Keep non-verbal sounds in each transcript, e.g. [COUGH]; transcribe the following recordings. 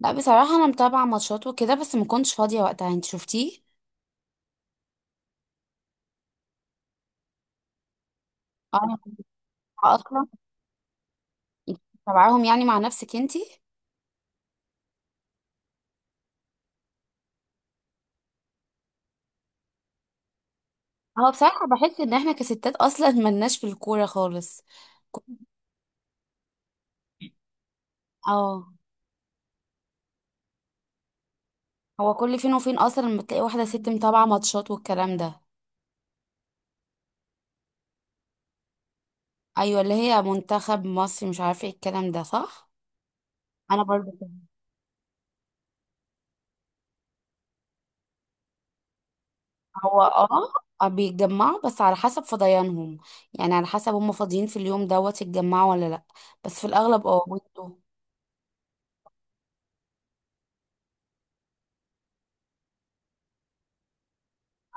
لا، بصراحة أنا متابعة ماتشات وكده بس ما كنتش فاضية وقتها. أنت شفتيه؟ اه، أنا متابعة أصلا. انت متابعاهم يعني مع نفسك أنتي؟ هو بصراحة بحس إن إحنا كستات أصلا [LAUGHS] ملناش في الكورة خالص. اه، هو كل فين وفين أصلا لما تلاقي واحدة ست متابعة ماتشات والكلام ده. أيوة، اللي هي منتخب مصر، مش عارفة إيه الكلام ده، صح؟ أنا برضو كده. هو اه، بيتجمعوا بس على حسب فضيانهم. يعني على حسب هم فاضيين في اليوم دوت يتجمعوا ولا لأ. بس في الأغلب اه بيبقوا.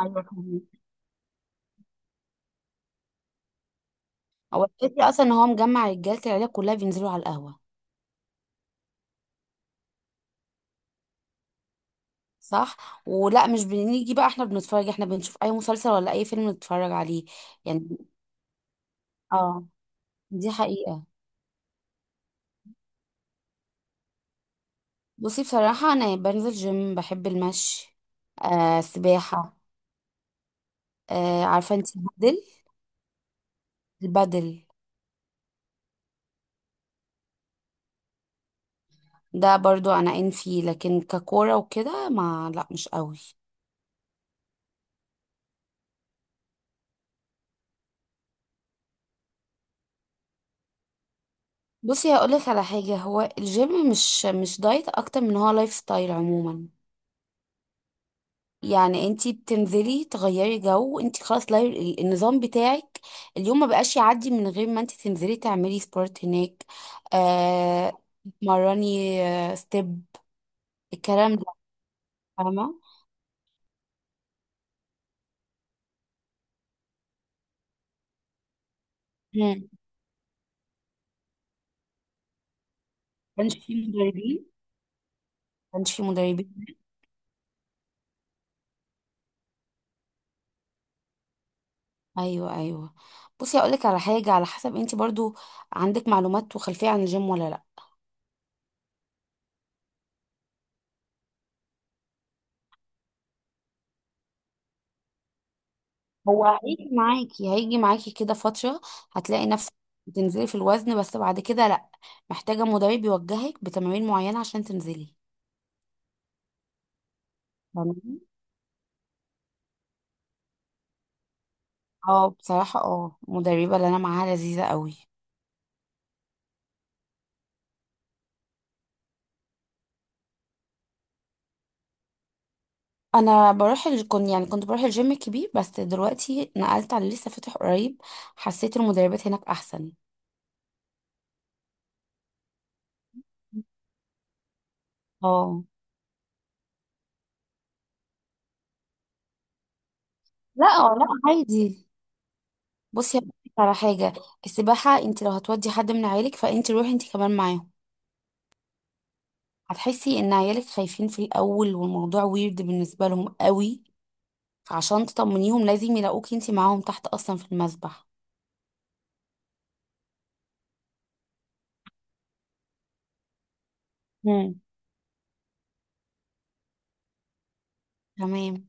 أيوة. هو الفكرة أصلا إن هو مجمع رجالة العيلة كلها بينزلوا على القهوة. صح، ولا مش بنيجي بقى؟ احنا بنتفرج، احنا بنشوف أي مسلسل ولا أي فيلم نتفرج عليه. يعني اه، دي حقيقة. بصي بصراحة أنا بنزل جيم، بحب المشي، آه سباحة. آه، عارفة انتي البدل؟ البدل. ده برضو أنا إن فيه، لكن ككورة وكده ما لا، مش قوي. بصي هقولك على حاجة، هو الجيم مش مش دايت أكتر من هو لايف ستايل عموما. يعني انتي بتنزلي تغيري جو، انتي خلاص لا النظام بتاعك اليوم ما بقاش يعدي من غير ما انتي تنزلي تعملي سبورت هناك. آه، تتمرني، آه ستيب، الكلام ده. فاهمه. مم. كانش في مدربين، كانش في مدربين. ايوه ايوه. بصي اقولك على حاجه، على حسب انتي برضو عندك معلومات وخلفيه عن الجيم ولا لا. هو هيجي معاكي كده فترة، هتلاقي نفسك بتنزلي في الوزن، بس بعد كده لأ، محتاجة مدرب يوجهك بتمارين معينة عشان تنزلي. فاهماني؟ اه بصراحة اه، المدربة اللي أنا معاها لذيذة قوي. أنا بروح كنت يعني كنت بروح الجيم الكبير، بس دلوقتي نقلت على اللي لسه فاتح قريب. حسيت المدربات هناك أحسن. اه لا، اه لا عادي. بصي هقولك على حاجة، السباحة انت لو هتودي حد من عيالك فانت روحي انت كمان معاهم. هتحسي ان عيالك خايفين في الاول والموضوع ويرد بالنسبه لهم قوي. فعشان تطمنيهم لازم يلاقوكي انتي معاهم تحت اصلا في المسبح. مم. تمام،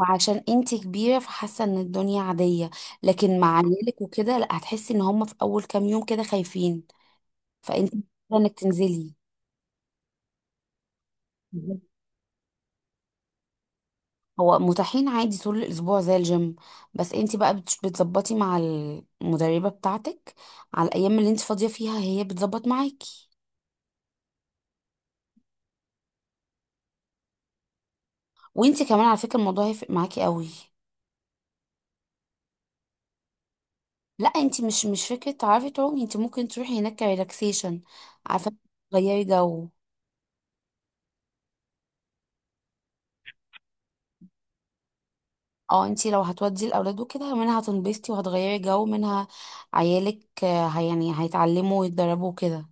وعشان انتي كبيره فحاسه ان الدنيا عاديه، لكن مع عيالك وكده لا، هتحسي ان هم في اول كام يوم كده خايفين، فانتي محتاجة انك تنزلي. بالظبط. هو متاحين عادي طول الاسبوع زي الجيم، بس انتي بقى بتظبطي مع المدربه بتاعتك على الايام اللي انتي فاضيه فيها، هي بتظبط معاكي. وانت كمان على فكره الموضوع هيفرق معاكي قوي. لا، انت مش فكره تعرفي تعومي، انت ممكن تروحي هناك كريلاكسيشن، عارفه، تغيري جو. اه، انت لو هتودي الاولاد وكده منها هتنبسطي وهتغيري جو، منها عيالك آه، هي يعني هيتعلموا ويتدربوا كده.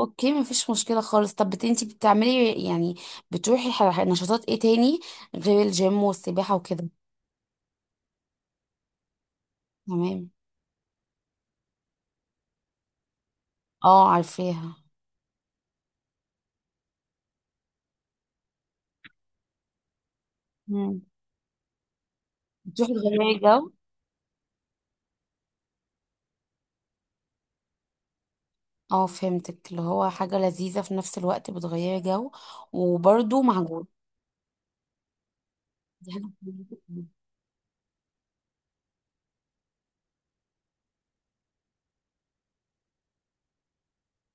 اوكي، مفيش مشكله خالص. طب بت انت بتعملي يعني بتروحي نشاطات ايه تاني غير الجيم والسباحه وكده؟ تمام. اه عارفاها. مم. بتروحي تغيري جو. اه، فهمتك، اللي هو حاجة لذيذة في نفس الوقت بتغيري جو وبرده معجون. دي حاجة.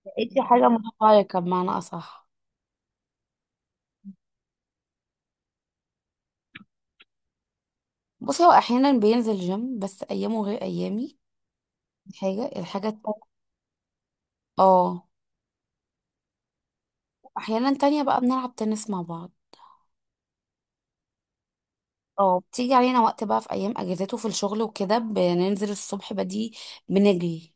لقيتي حاجة متفرقة بمعنى أصح. بصي هو أحيانا بينزل جيم بس أيامه غير أيامي. دي حاجة. الحاجة التانية اه، أحيانا تانية بقى بنلعب تنس مع بعض. اه، بتيجي علينا وقت بقى في أيام أجازاته في الشغل وكده بننزل الصبح بدي بنجري.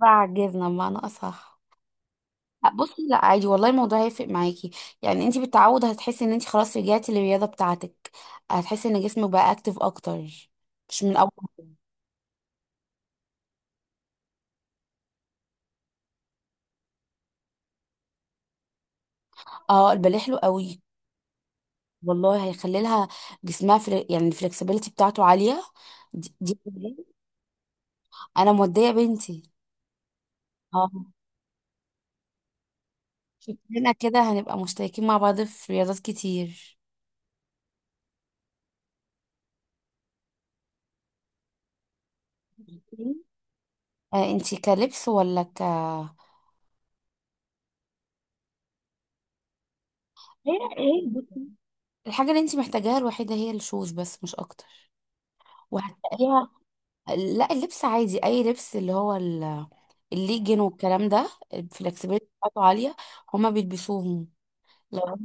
بعجزنا بمعنى أصح. لا بصي، لا عادي والله، الموضوع هيفرق معاكي. يعني انت بالتعود هتحسي ان انت خلاص رجعتي للرياضه بتاعتك، هتحسي ان جسمك بقى اكتف اكتر، مش من اول. اه، الباليه حلو قوي. والله هيخلي لها جسمها يعني الفلكسبيليتي بتاعته عاليه. دي, انا موديه بنتي. اه، شكلنا كده هنبقى مشتركين مع بعض في رياضات كتير. آه، انت كلبس ولا ك؟ هي ايه، بصي، الحاجه اللي انت محتاجاها الوحيده هي الشوز بس، مش اكتر. وهتلاقيها. لا، اللبس عادي، اي لبس اللي هو الليجن والكلام ده الفلكسبيليتي بتاعته عاليه، هما بيلبسوهم. لو،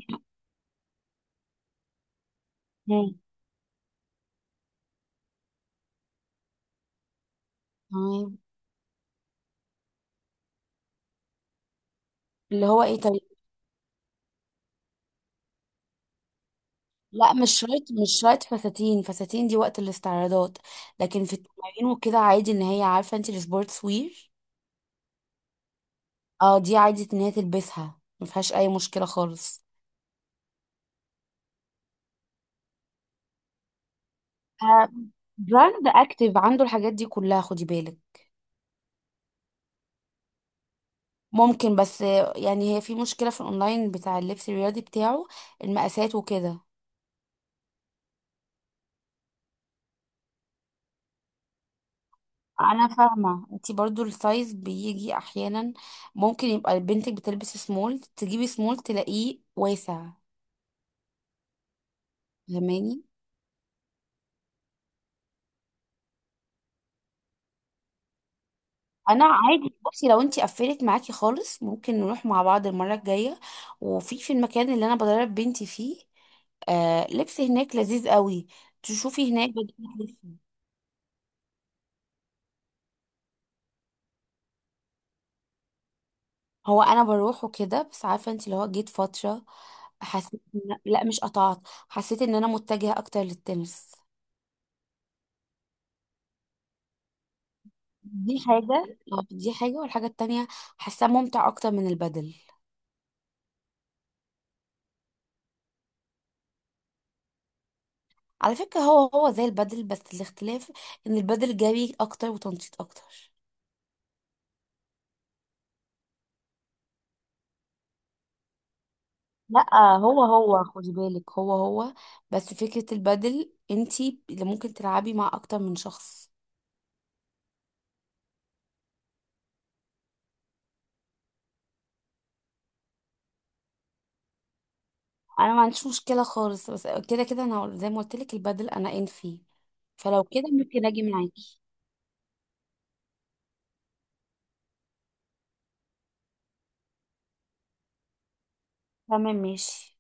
مم. تمام. اللي هو ايه، طيب. لا مش شرط، مش شرط فساتين دي وقت الاستعراضات، لكن في التمارين وكده عادي ان هي، عارفه انت السبورتس وير. اه، دي عادي ان هي تلبسها ما فيهاش اي مشكله خالص. آه، براند اكتيف عنده الحاجات دي كلها، خدي بالك. ممكن، بس آه، يعني هي في مشكله في الاونلاين بتاع اللبس الرياضي بتاعه المقاسات وكده. انا فاهمه انتي برضو السايز بيجي احيانا، ممكن يبقى بنتك بتلبس سمول تجيبي سمول تلاقيه واسع. فاهماني؟ انا عادي، بصي لو انتي قفلت معاكي خالص ممكن نروح مع بعض المره الجايه، وفي في المكان اللي انا بدرب بنتي فيه آه لبس هناك لذيذ قوي، تشوفي هناك بجيب لبس. هو انا بروح وكده، بس عارفه انت اللي هو جيت فتره حسيت لا مش قطعت، حسيت ان انا متجهه اكتر للتنس. دي حاجة آه، دي حاجة. والحاجة التانية حاساه ممتع أكتر من البدل. على فكرة هو زي البدل، بس الاختلاف إن البدل جري أكتر وتنطيط أكتر. لا، هو خدي بالك، هو بس فكرة البدل انتي اللي ممكن تلعبي مع أكتر من شخص. أنا ما عنديش مشكلة خالص، بس كده كده أنا زي ما قلت لك البدل أنا إن فيه، فلو كده ممكن أجي معاكي. تمام ماشي.